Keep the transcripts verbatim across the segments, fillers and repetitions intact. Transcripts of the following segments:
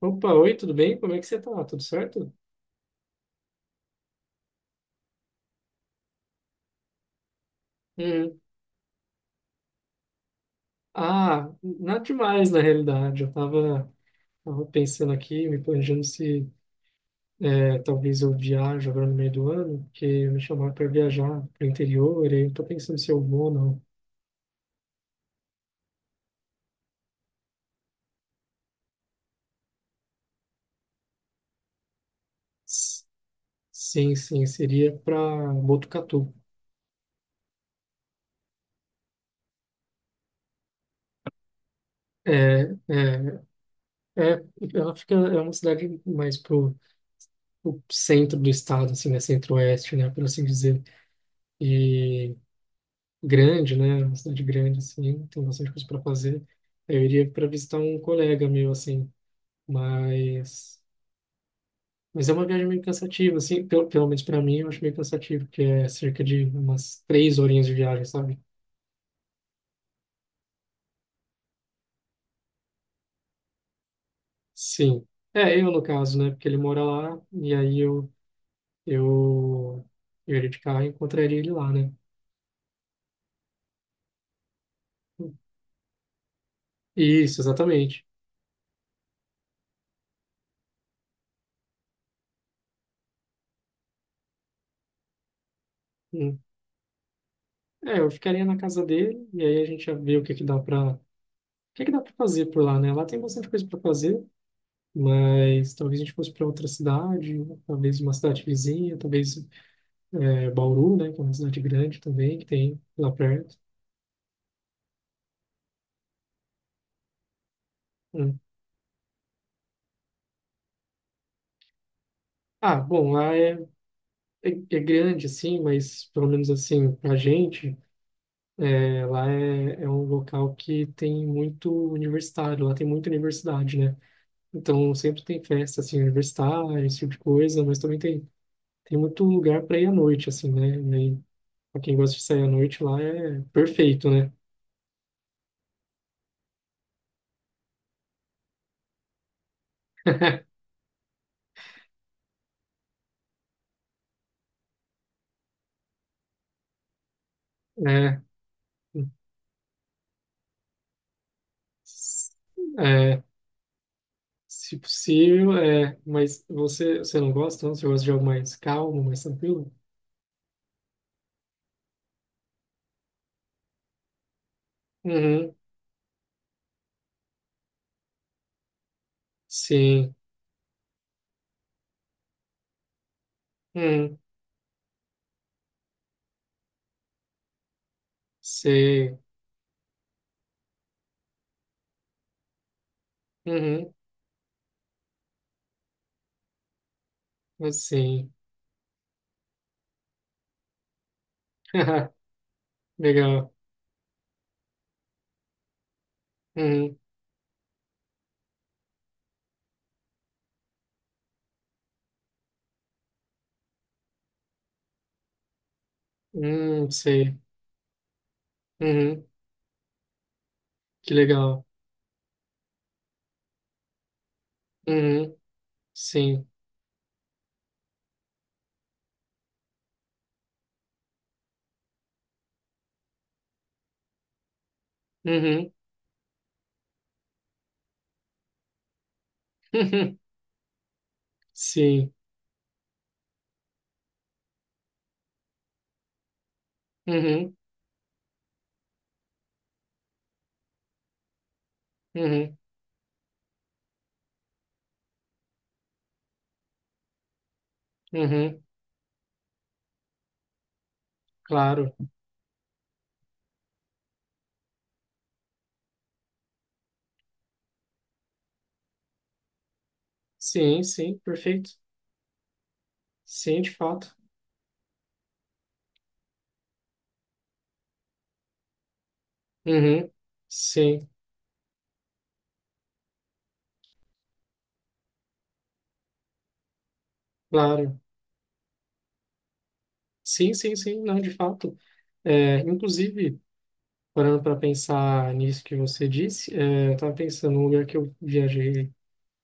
Opa, oi, tudo bem? Como é que você tá? Tudo certo? Uhum. Ah, nada demais, na realidade. Eu tava, tava pensando aqui, me planejando se é, talvez eu viajo agora no meio do ano, porque me chamaram para viajar pro interior, e aí eu tô pensando se eu vou ou não. S- Sim, sim, seria para Botucatu. É, é, é, ela fica, é uma cidade mais pro, pro centro do estado, assim, né? Centro-oeste, né? Por assim dizer. E grande, né? Uma cidade grande, assim, tem bastante coisa para fazer. Aí eu iria para visitar um colega meu, assim, mas mas é uma viagem meio cansativa, assim, pelo, pelo menos para mim, eu acho meio cansativo, porque é cerca de umas três horinhas de viagem, sabe? Sim. É, eu no caso, né? Porque ele mora lá, e aí eu eu, eu iria de carro e encontraria ele lá, né? Isso, exatamente. Hum. É, eu ficaria na casa dele e aí a gente ia ver o que que dá para, o que que dá para fazer por lá, né? Lá tem bastante coisa para fazer. Mas talvez a gente fosse para outra cidade, talvez uma cidade vizinha, talvez é, Bauru, né, que é uma cidade grande também, que tem lá perto. Né. Ah, bom, lá é, é, é grande, assim, mas pelo menos assim, pra gente, é, lá é, é um local que tem muito universitário, lá tem muita universidade, né? Então sempre tem festa, assim, universitária, esse tipo de coisa, mas também tem, tem muito lugar para ir à noite, assim, né? E aí, pra quem gosta de sair à noite, lá é perfeito, né? É. É, se possível, é, mas você, você não gosta, não? Você gosta de algo mais calmo, mais tranquilo? Uhum, sim, uhum, sei, uhum, mas sim, legal, uhum, uhum, sei, uhum, que legal, uhum, sim, uhum, sim, uhum, uhum, uhum, claro, sim, sim, perfeito, sim, de fato, uhum, sim, claro. Sim, sim, sim, não, de fato. É, inclusive, parando para pensar nisso que você disse, é, eu estava pensando num lugar que eu viajei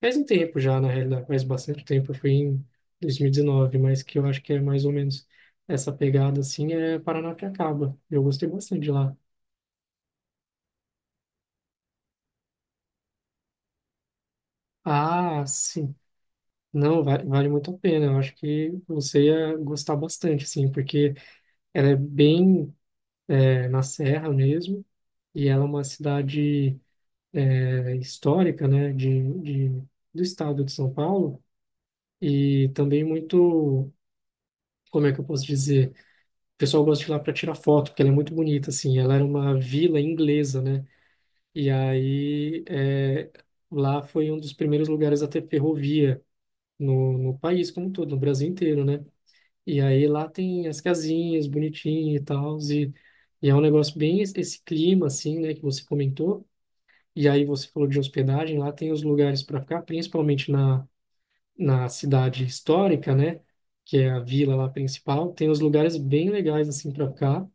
faz um tempo já, na realidade, faz bastante tempo, eu fui em dois mil e dezenove, mas que eu acho que é mais ou menos essa pegada assim, é Paranapiacaba. Eu gostei bastante de lá. Ah, sim. Não, vale, vale muito a pena. Eu acho que você ia gostar bastante, sim, porque ela é bem, é, na serra mesmo, e ela é uma cidade histórica, né, de, de, do estado de São Paulo e também muito, como é que eu posso dizer? O pessoal gosta de ir lá para tirar foto, porque ela é muito bonita, assim. Ela era uma vila inglesa, né? E aí é, lá foi um dos primeiros lugares a ter ferrovia no, no país como um todo, no Brasil inteiro, né? E aí lá tem as casinhas bonitinhas e tal, e, e é um negócio bem esse esse clima, assim, né, que você comentou. E aí você falou de hospedagem, lá tem os lugares para ficar, principalmente na na cidade histórica, né? Que é a vila lá principal, tem uns lugares bem legais assim para ficar.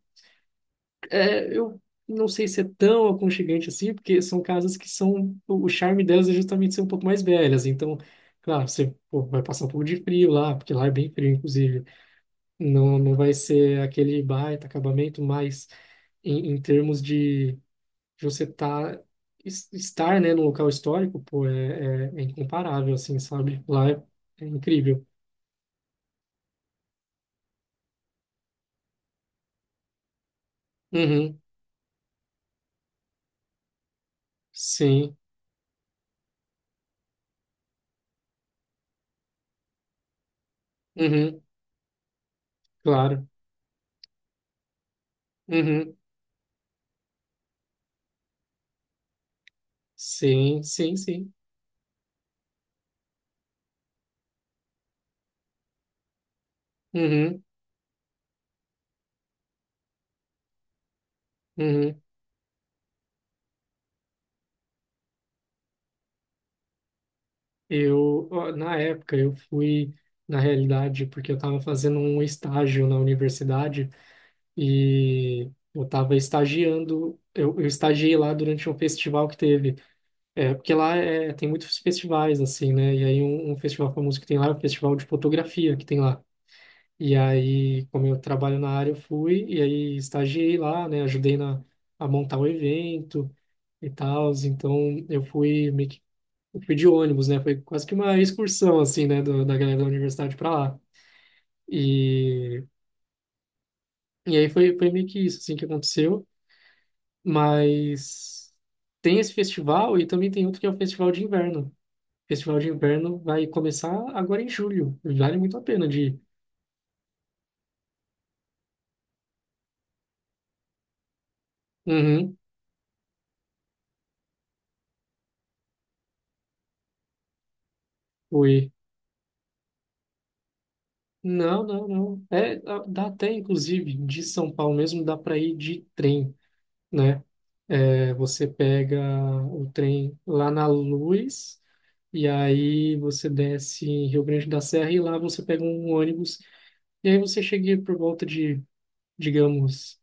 É, eu não sei se é tão aconchegante assim, porque são casas que são o o charme delas é justamente ser um pouco mais velhas. Então, claro, você pô, vai passar um pouco de frio lá, porque lá é bem frio, inclusive. Não, não vai ser aquele baita acabamento, mas em, em termos de de você tá, es- estar, né, num local histórico, pô, é, é, é incomparável, assim, sabe? Lá é, é incrível. Uhum. Sim, uhum, claro. Uhum, sim, sim, sim. Uhum, uhum. Eu, ó, na época, eu fui, na realidade, porque eu estava fazendo um estágio na universidade e eu estava estagiando, eu, eu estagiei lá durante um festival que teve. É, porque lá é, tem muitos festivais, assim, né? E aí um, um festival famoso que tem lá é o Festival de Fotografia que tem lá. E aí, como eu trabalho na área, eu fui e aí estagiei lá, né? Ajudei na, a montar o evento e tal. Então, eu fui meio que eu fui de ônibus, né? Foi quase que uma excursão, assim, né? do- da galera da universidade para lá. E, e aí foi, foi meio que isso, assim, que aconteceu. Mas tem esse festival e também tem outro que é o Festival de Inverno. O Festival de Inverno vai começar agora em julho. Vale muito a pena de ir. Uhum, fui. Não, não, não. É, dá dá até, inclusive, de São Paulo mesmo, dá para ir de trem, né? É, você pega o trem lá na Luz, e aí você desce em Rio Grande da Serra, e lá você pega um ônibus, e aí você chega por volta de, digamos,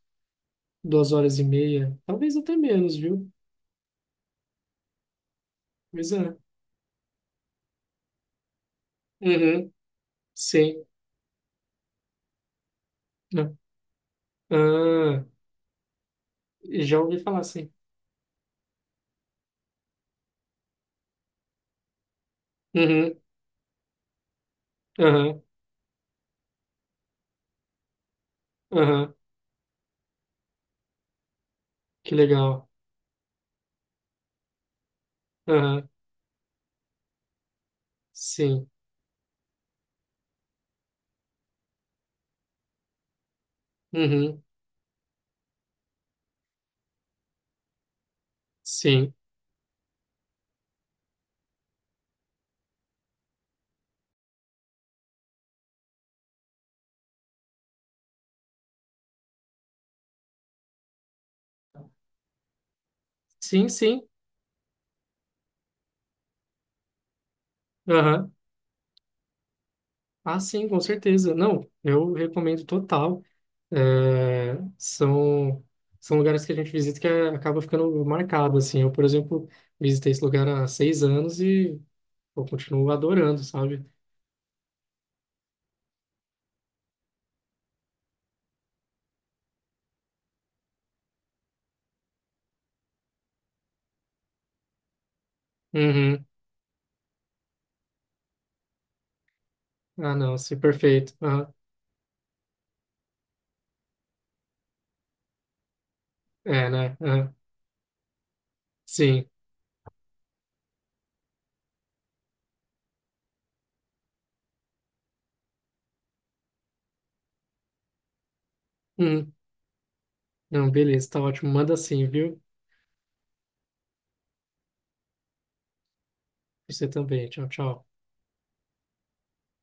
duas horas e meia, talvez até menos, viu? Pois é. Uhum, sim. Ah, ah, já ouvi falar, sim. Uhum, aham, aham, que legal. Aham, sim. Uhum. Sim, sim, sim. Aham. Ah, sim, com certeza. Não, eu recomendo total. É, são, são lugares que a gente visita que é- acaba ficando marcado, assim. Eu, por exemplo, visitei esse lugar há seis anos e eu continuo adorando, sabe? Uhum. Ah, não, sim, perfeito. Aham. É, né? Aham. Sim. Uhum. Não, beleza, tá ótimo. Manda sim, viu? Você também. Tchau, tchau.